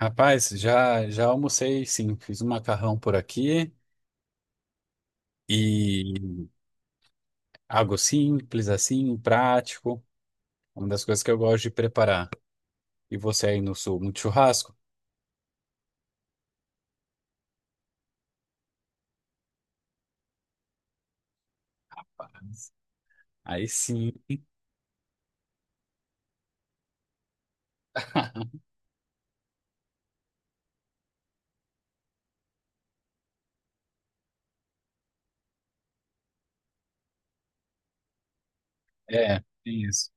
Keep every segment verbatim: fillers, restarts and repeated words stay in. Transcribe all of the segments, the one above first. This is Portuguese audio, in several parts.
Rapaz, já já almocei, sim. Fiz um macarrão por aqui e algo simples assim, prático, uma das coisas que eu gosto de preparar. E você aí no sul, muito churrasco? Rapaz, aí sim. É, tem isso.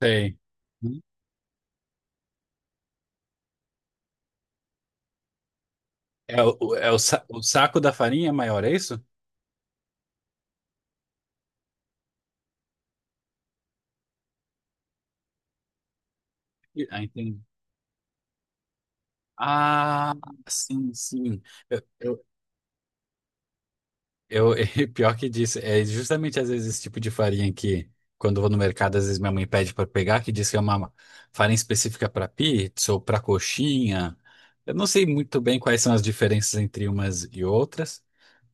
Tem. É o, é o, sa- o saco da farinha é maior, é isso? Ah, entendi. Ah, sim, sim. Eu, Eu, e pior que disso, é justamente às vezes esse tipo de farinha que, quando eu vou no mercado, às vezes minha mãe pede para pegar, que diz que é uma farinha específica para pizza ou para coxinha. Eu não sei muito bem quais são as diferenças entre umas e outras,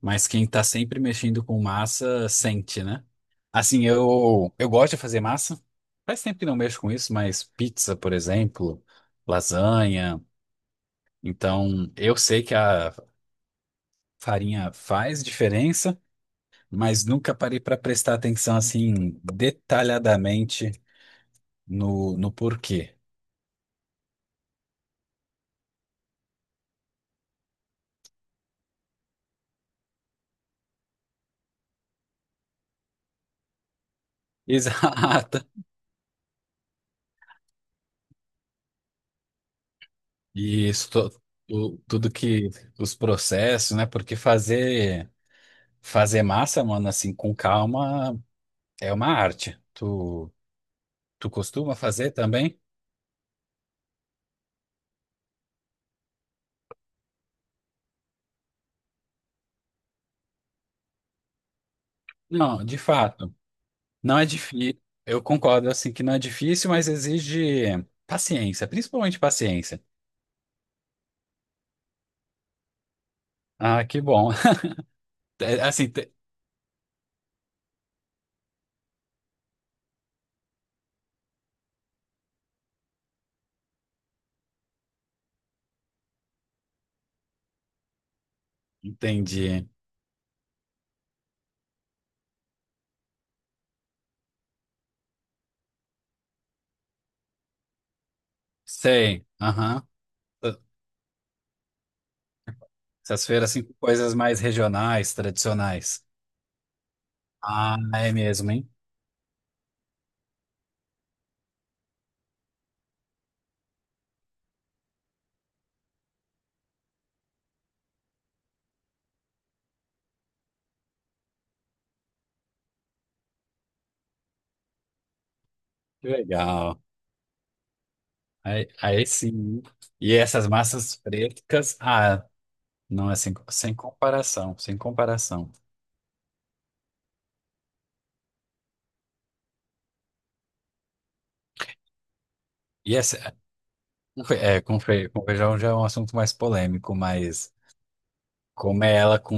mas quem tá sempre mexendo com massa sente, né? Assim, eu, eu gosto de fazer massa. Faz tempo que não mexo com isso, mas pizza, por exemplo, lasanha. Então, eu sei que a farinha faz diferença, mas nunca parei para prestar atenção assim detalhadamente no, no porquê. Exata. E isso, to- o- tudo que os processos, né? Porque fazer fazer massa, mano, assim com calma, é uma arte. Tu tu costuma fazer também? Não, de fato. Não é difícil. Eu concordo assim que não é difícil, mas exige paciência, principalmente paciência. Ah, que bom. É, assim, te- entendi. Sei. Aham. Essas feiras, assim, com coisas mais regionais, tradicionais. Ah, é mesmo, hein? Que legal. Aí, aí sim, hein? E essas massas pretas, ah, não é sem, sem comparação, sem comparação. E essa, com fe- é, com, fe, com feijão já é um assunto mais polêmico, mas comer ela com,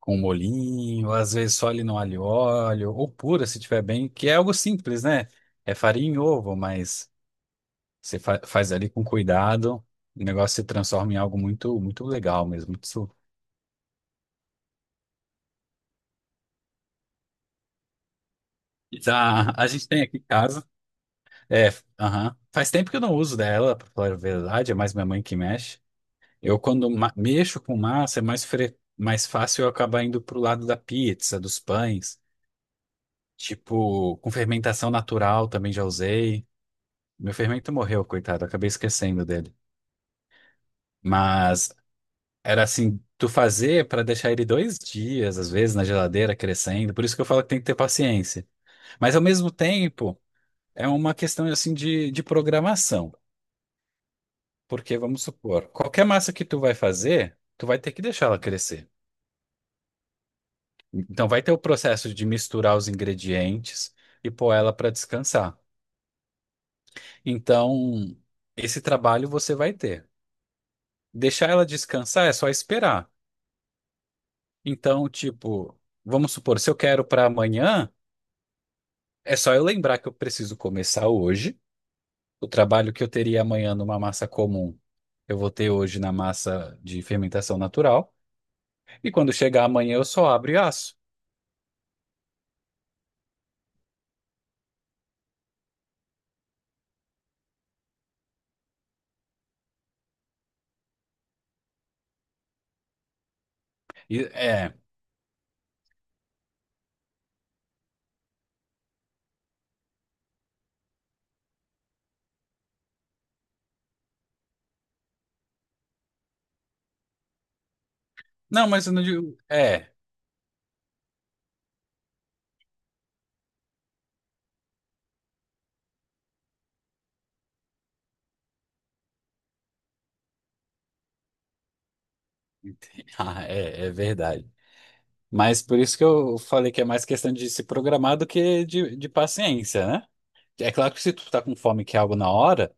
com molhinho, às vezes só ali no alho e óleo, ou pura, se tiver bem, que é algo simples, né? É farinha e ovo, mas. Você fa- faz ali com cuidado, o negócio se transforma em algo muito, muito legal mesmo. Isso, tá, a gente tem aqui em casa. É, aham. Faz tempo que eu não uso dela, pra falar a verdade, é mais minha mãe que mexe. Eu, quando ma- mexo com massa, é mais, fre- mais fácil eu acabar indo pro lado da pizza, dos pães. Tipo, com fermentação natural também já usei. Meu fermento morreu, coitado, acabei esquecendo dele. Mas era assim, tu fazer para deixar ele dois dias, às vezes, na geladeira crescendo. Por isso que eu falo que tem que ter paciência. Mas ao mesmo tempo, é uma questão assim de, de programação. Porque, vamos supor, qualquer massa que tu vai fazer, tu vai ter que deixar ela crescer. Então vai ter o processo de misturar os ingredientes e pôr ela para descansar. Então, esse trabalho você vai ter. Deixar ela descansar é só esperar. Então, tipo, vamos supor, se eu quero para amanhã, é só eu lembrar que eu preciso começar hoje. O trabalho que eu teria amanhã numa massa comum, eu vou ter hoje na massa de fermentação natural. E quando chegar amanhã, eu só abro e asso. E, é. Não, mas eu não digo. É. Ah, é, é verdade. Mas por isso que eu falei que é mais questão de se programar do que de, de paciência, né? É claro que, se tu tá com fome e quer algo na hora,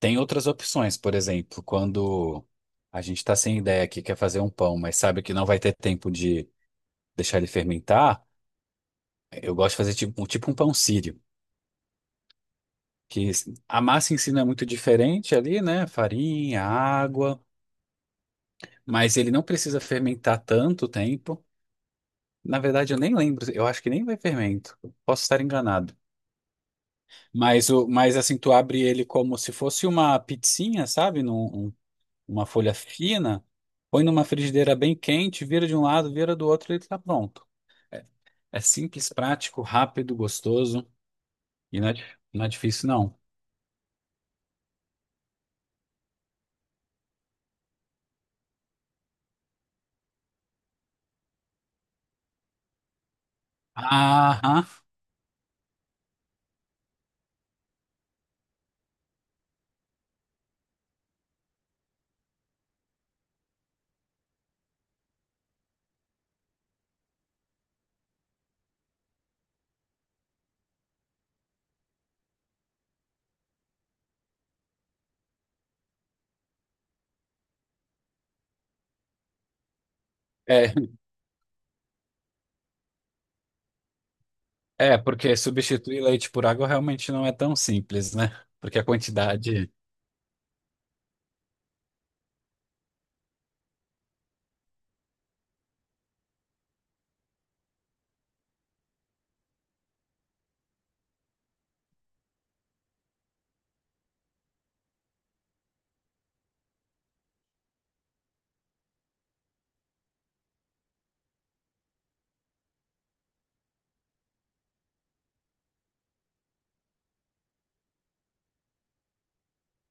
tem outras opções. Por exemplo, quando a gente tá sem ideia aqui, quer fazer um pão, mas sabe que não vai ter tempo de deixar ele fermentar, eu gosto de fazer tipo, um- tipo um pão sírio, que a massa em si não é muito diferente ali, né? Farinha, água, mas ele não precisa fermentar tanto tempo. Na verdade, eu nem lembro, eu acho que nem vai fermento. Posso estar enganado. Mas, o, mas assim, tu abre ele como se fosse uma pizzinha, sabe? Num, um- uma folha fina, põe numa frigideira bem quente, vira de um lado, vira do outro e ele tá pronto. É, é simples, prático, rápido, gostoso, e não é, di- não é difícil, não. Aham. É, é, porque substituir leite por água realmente não é tão simples, né? Porque a quantidade.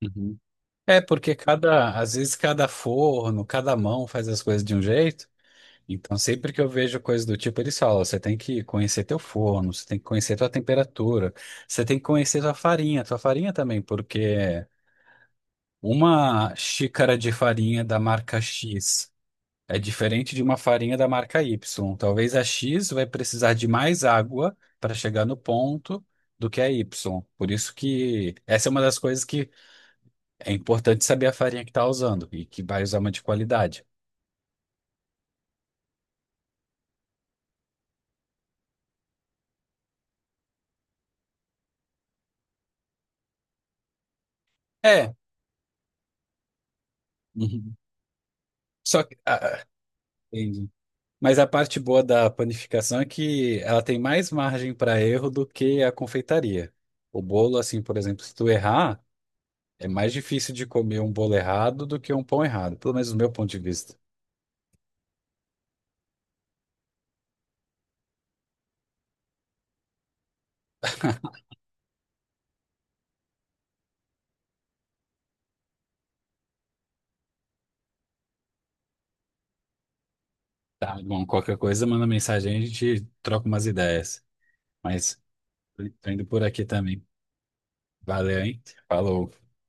Uhum. É, porque cada, às vezes cada forno, cada mão faz as coisas de um jeito. Então, sempre que eu vejo coisa do tipo, eles falam: você tem que conhecer teu forno, você tem que conhecer tua temperatura, você tem que conhecer tua farinha, tua farinha também, porque uma xícara de farinha da marca xis. É diferente de uma farinha da marca ípsilon. Talvez a xis vai precisar de mais água para chegar no ponto do que a ípsilon. Por isso que essa é uma das coisas que é importante saber a farinha que está usando e que vai usar uma de qualidade. É, uhum. Só que, ah, ah, entendi. Mas a parte boa da panificação é que ela tem mais margem para erro do que a confeitaria. O bolo, assim, por exemplo, se tu errar, é mais difícil de comer um bolo errado do que um pão errado, pelo menos do meu ponto de vista. Tá, bom, qualquer coisa, manda mensagem, a gente troca umas ideias. Mas tô indo por aqui também. Valeu, hein? Falou.